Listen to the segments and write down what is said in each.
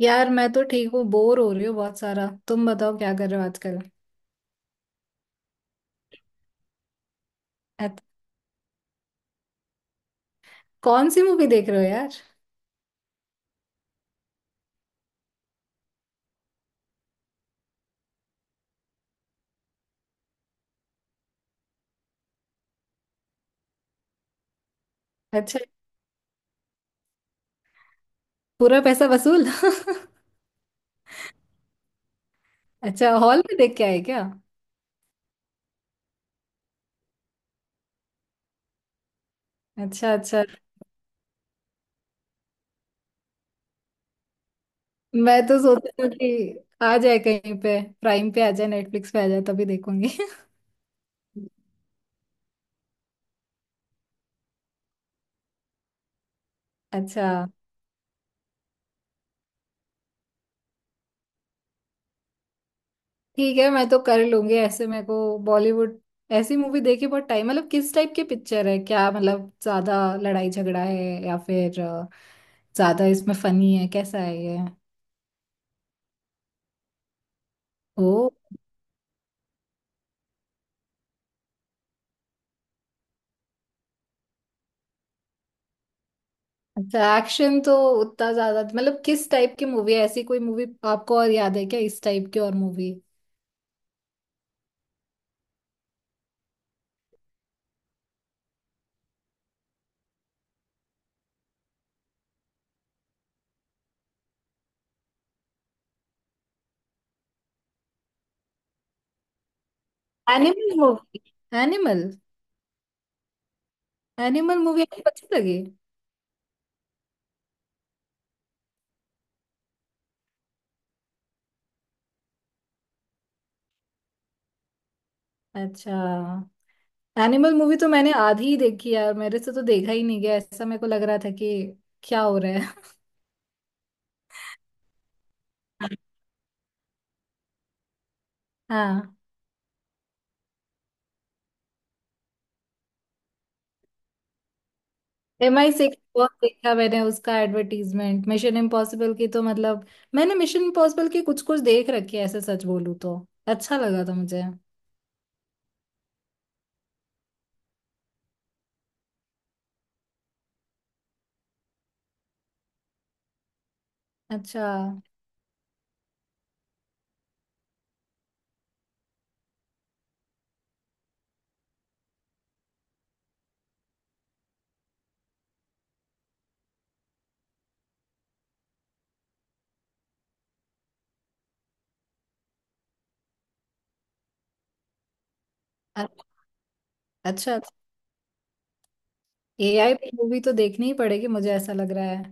यार मैं तो ठीक हूँ, बोर हो रही हूँ बहुत सारा। तुम बताओ क्या कर रहे हो आजकल। अत- कौन सी मूवी देख रहे हो यार। अच्छा। पूरा पैसा वसूल अच्छा, हॉल में देख के आए क्या। अच्छा अच्छा। मैं तो सोचती हूँ कि आ जाए कहीं पे, प्राइम पे आ जाए, नेटफ्लिक्स पे आ जाए तभी देखूंगी। अच्छा। ठीक है मैं तो कर लूंगी ऐसे। मेरे को बॉलीवुड ऐसी मूवी देखी बहुत टाइम। मतलब किस टाइप की पिक्चर है? क्या मतलब ज्यादा लड़ाई झगड़ा है या फिर ज्यादा इसमें फनी है? कैसा है ये? ओ। अच्छा एक्शन तो उतना ज्यादा। मतलब किस टाइप की मूवी है? ऐसी कोई मूवी आपको और याद है क्या, इस टाइप की और movie? Animal movie. Animal. Animal movie आपको अच्छी लगी? अच्छा। एनिमल मूवी तो मैंने आधी ही देखी यार, मेरे से तो देखा ही नहीं गया। ऐसा मेरे को लग रहा था कि क्या हो रहा है। हाँ। एम आई सिक्स बहुत देखा मैंने उसका एडवर्टीजमेंट, मिशन इम्पॉसिबल की। तो मतलब मैंने मिशन इम्पॉसिबल की कुछ कुछ देख रखी है ऐसे, सच बोलूं तो। अच्छा लगा था मुझे। अच्छा। अ- अच्छा, एआई पे मूवी तो देखनी ही पड़ेगी मुझे, ऐसा लग रहा है।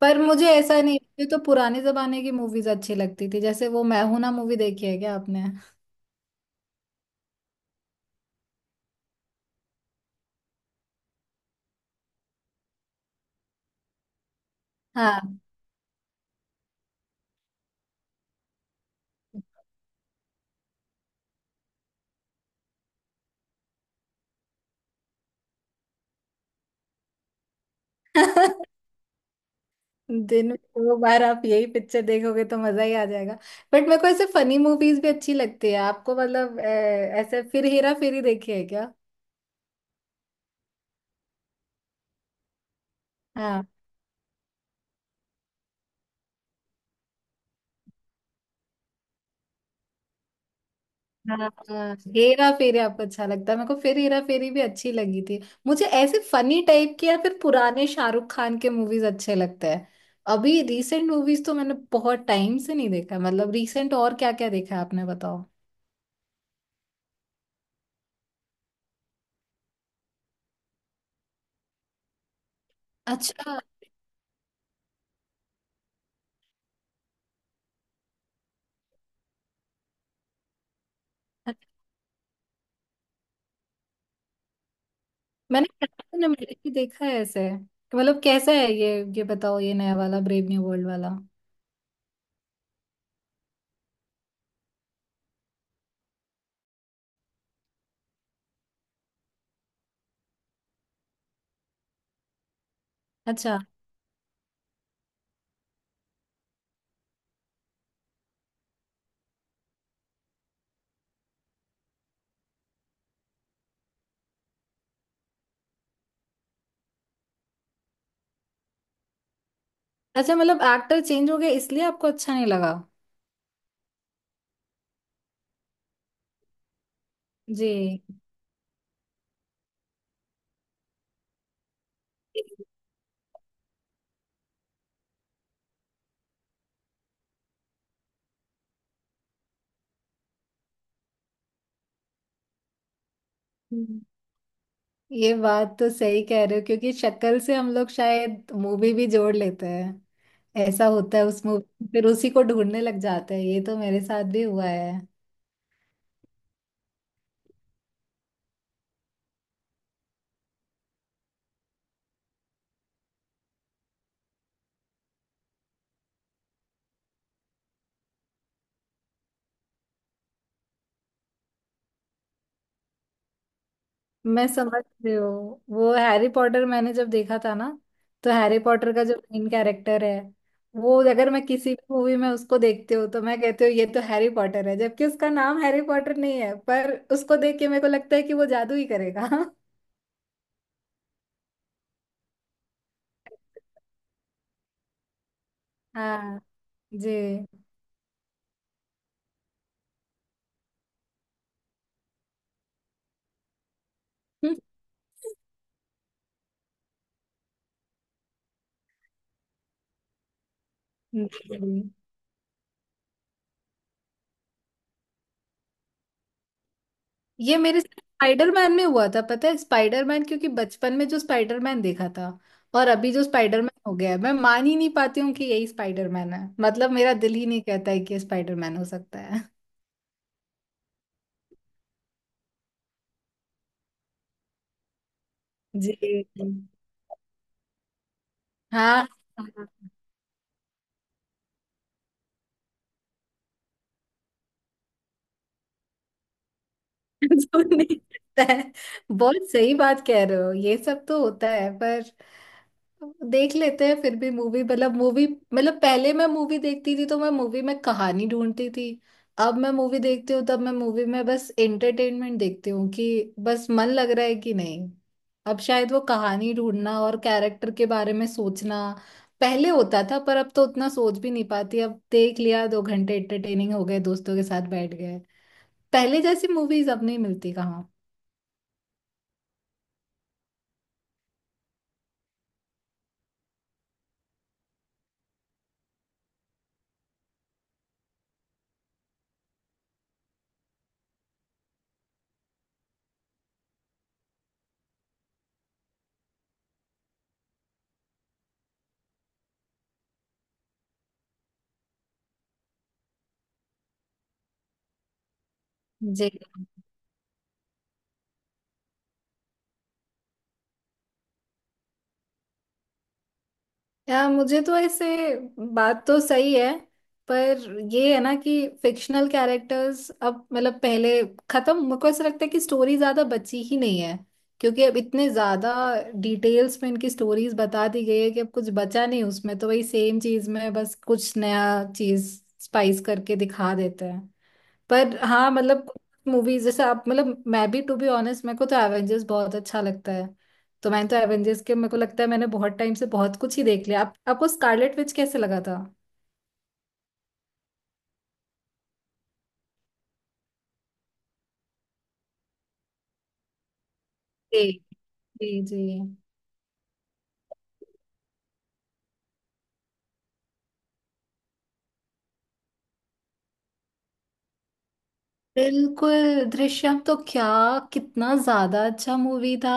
पर मुझे ऐसा नहीं, मुझे तो पुराने जमाने की मूवीज अच्छी लगती थी। जैसे वो मैं हूं ना मूवी, देखी है क्या आपने? हाँ। दिन में दो बार आप यही पिक्चर देखोगे तो मजा ही आ जाएगा। बट मेरे को ऐसे फनी मूवीज भी अच्छी लगती है। आपको मतलब ऐसे फिर हेरा फेरी देखी है क्या? हाँ। हाँ। हाँ। हेरा फेरी आपको अच्छा लगता है, मेरे को फिर हेरा फेरी भी अच्छी लगी थी। मुझे ऐसे फनी टाइप के या फिर पुराने शाहरुख खान के मूवीज अच्छे लगते हैं। अभी रीसेंट मूवीज तो मैंने बहुत टाइम से नहीं देखा। मतलब रीसेंट और क्या क्या देखा है आपने, बताओ। अच्छा। मैंने कैप्टन अमेरिका देखा है ऐसे, मतलब कैसा है ये? ये बताओ, ये नया वाला ब्रेव न्यू वर्ल्ड वाला? अच्छा। अच्छा, मतलब एक्टर चेंज हो गया इसलिए आपको अच्छा नहीं लगा? जी। ये बात तो सही कह रहे हो, क्योंकि शक्ल से हम लोग शायद मूवी भी जोड़ लेते हैं। ऐसा होता है उस मूवी, फिर उसी को ढूंढने लग जाते हैं। ये तो मेरे साथ भी हुआ है। मैं समझ रही हूँ। वो हैरी पॉटर मैंने जब देखा था ना, तो हैरी पॉटर का जो मेन कैरेक्टर है, वो अगर मैं किसी भी मूवी में उसको देखती हूँ तो मैं कहती हूँ ये तो हैरी पॉटर है। जबकि उसका नाम हैरी पॉटर नहीं है, पर उसको देख के मेरे को लगता है कि वो जादू ही करेगा। हाँ। जी। ये मेरे साथ स्पाइडरमैन में हुआ था, पता है? स्पाइडरमैन क्योंकि बचपन में जो स्पाइडरमैन देखा था, और अभी जो स्पाइडरमैन हो गया है, मैं मान ही नहीं पाती हूँ कि यही स्पाइडरमैन है। मतलब मेरा दिल ही नहीं कहता है कि ये स्पाइडरमैन हो सकता है। जी हाँ, जो नहीं होता है। बहुत सही बात कह रहे हो, ये सब तो होता है। पर देख लेते हैं फिर भी मूवी, मतलब मूवी। मतलब पहले मैं मूवी देखती थी तो मैं मूवी में कहानी ढूंढती थी। अब मैं मूवी देखती हूँ तब मैं मूवी में बस एंटरटेनमेंट देखती हूँ, कि बस मन लग रहा है कि नहीं। अब शायद वो कहानी ढूंढना और कैरेक्टर के बारे में सोचना पहले होता था, पर अब तो उतना सोच भी नहीं पाती। अब देख लिया, दो घंटे एंटरटेनिंग हो गए, दोस्तों के साथ बैठ गए। पहले जैसी मूवीज अब नहीं मिलती कहाँ। जी। या मुझे तो ऐसे, बात तो सही है। पर ये है ना कि फिक्शनल कैरेक्टर्स अब, मतलब पहले खत्म। मेरे को ऐसा लगता है कि स्टोरी ज्यादा बची ही नहीं है, क्योंकि अब इतने ज्यादा डिटेल्स में इनकी स्टोरीज बता दी गई है कि अब कुछ बचा नहीं उसमें। तो वही सेम चीज में बस कुछ नया चीज स्पाइस करके दिखा देते हैं। पर हाँ मतलब मूवीज जैसे आप, मतलब मैं भी टू बी ऑनेस्ट, मेरे को तो एवेंजर्स बहुत अच्छा लगता है। तो मैंने तो एवेंजर्स के, मेरे को लगता है मैंने बहुत टाइम से बहुत कुछ ही देख लिया। आप, आपको स्कारलेट विच कैसे लगा था? जी। जी जी। बिल्कुल, दृश्यम तो क्या, कितना ज्यादा अच्छा मूवी था।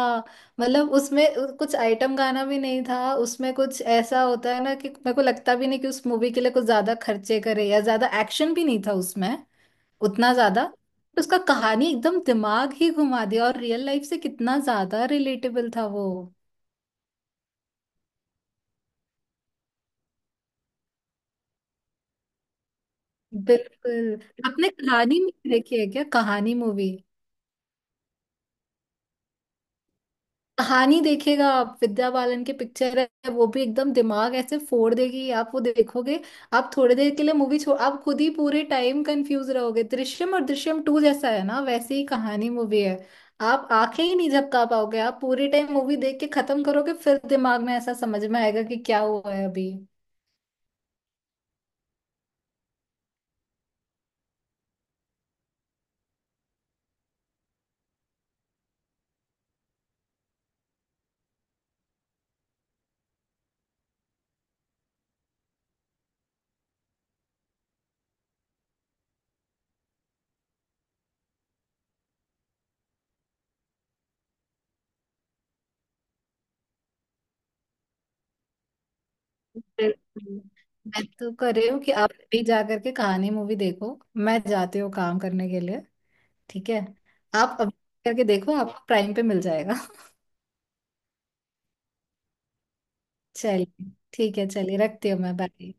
मतलब उसमें कुछ आइटम गाना भी नहीं था। उसमें कुछ ऐसा होता है ना कि मेरे को लगता भी नहीं कि उस मूवी के लिए कुछ ज्यादा खर्चे करे, या ज्यादा एक्शन भी नहीं था उसमें उतना ज्यादा। तो उसका कहानी एकदम दिमाग ही घुमा दिया, और रियल लाइफ से कितना ज्यादा रिलेटेबल था वो। बिल्कुल। आपने कहानी मूवी देखी है क्या, कहानी मूवी? कहानी देखेगा आप, विद्या बालन के पिक्चर है, वो भी एकदम दिमाग ऐसे फोड़ देगी आप वो देखोगे। आप थोड़ी देर के लिए मूवी छोड़, आप खुद ही पूरे टाइम कंफ्यूज रहोगे। दृश्यम और दृश्यम टू जैसा है ना, वैसे ही कहानी मूवी है। आप आंखें ही नहीं झपका पाओगे, आप पूरे टाइम मूवी देख के खत्म करोगे, फिर दिमाग में ऐसा समझ में आएगा कि क्या हुआ है अभी। मैं तो कर रही हूँ कि आप भी जा करके कहानी मूवी देखो। मैं जाती हूँ काम करने के लिए। ठीक है, आप अभी करके देखो, आपको प्राइम पे मिल जाएगा। चलिए ठीक है, चलिए रखती हूँ मैं, बाय।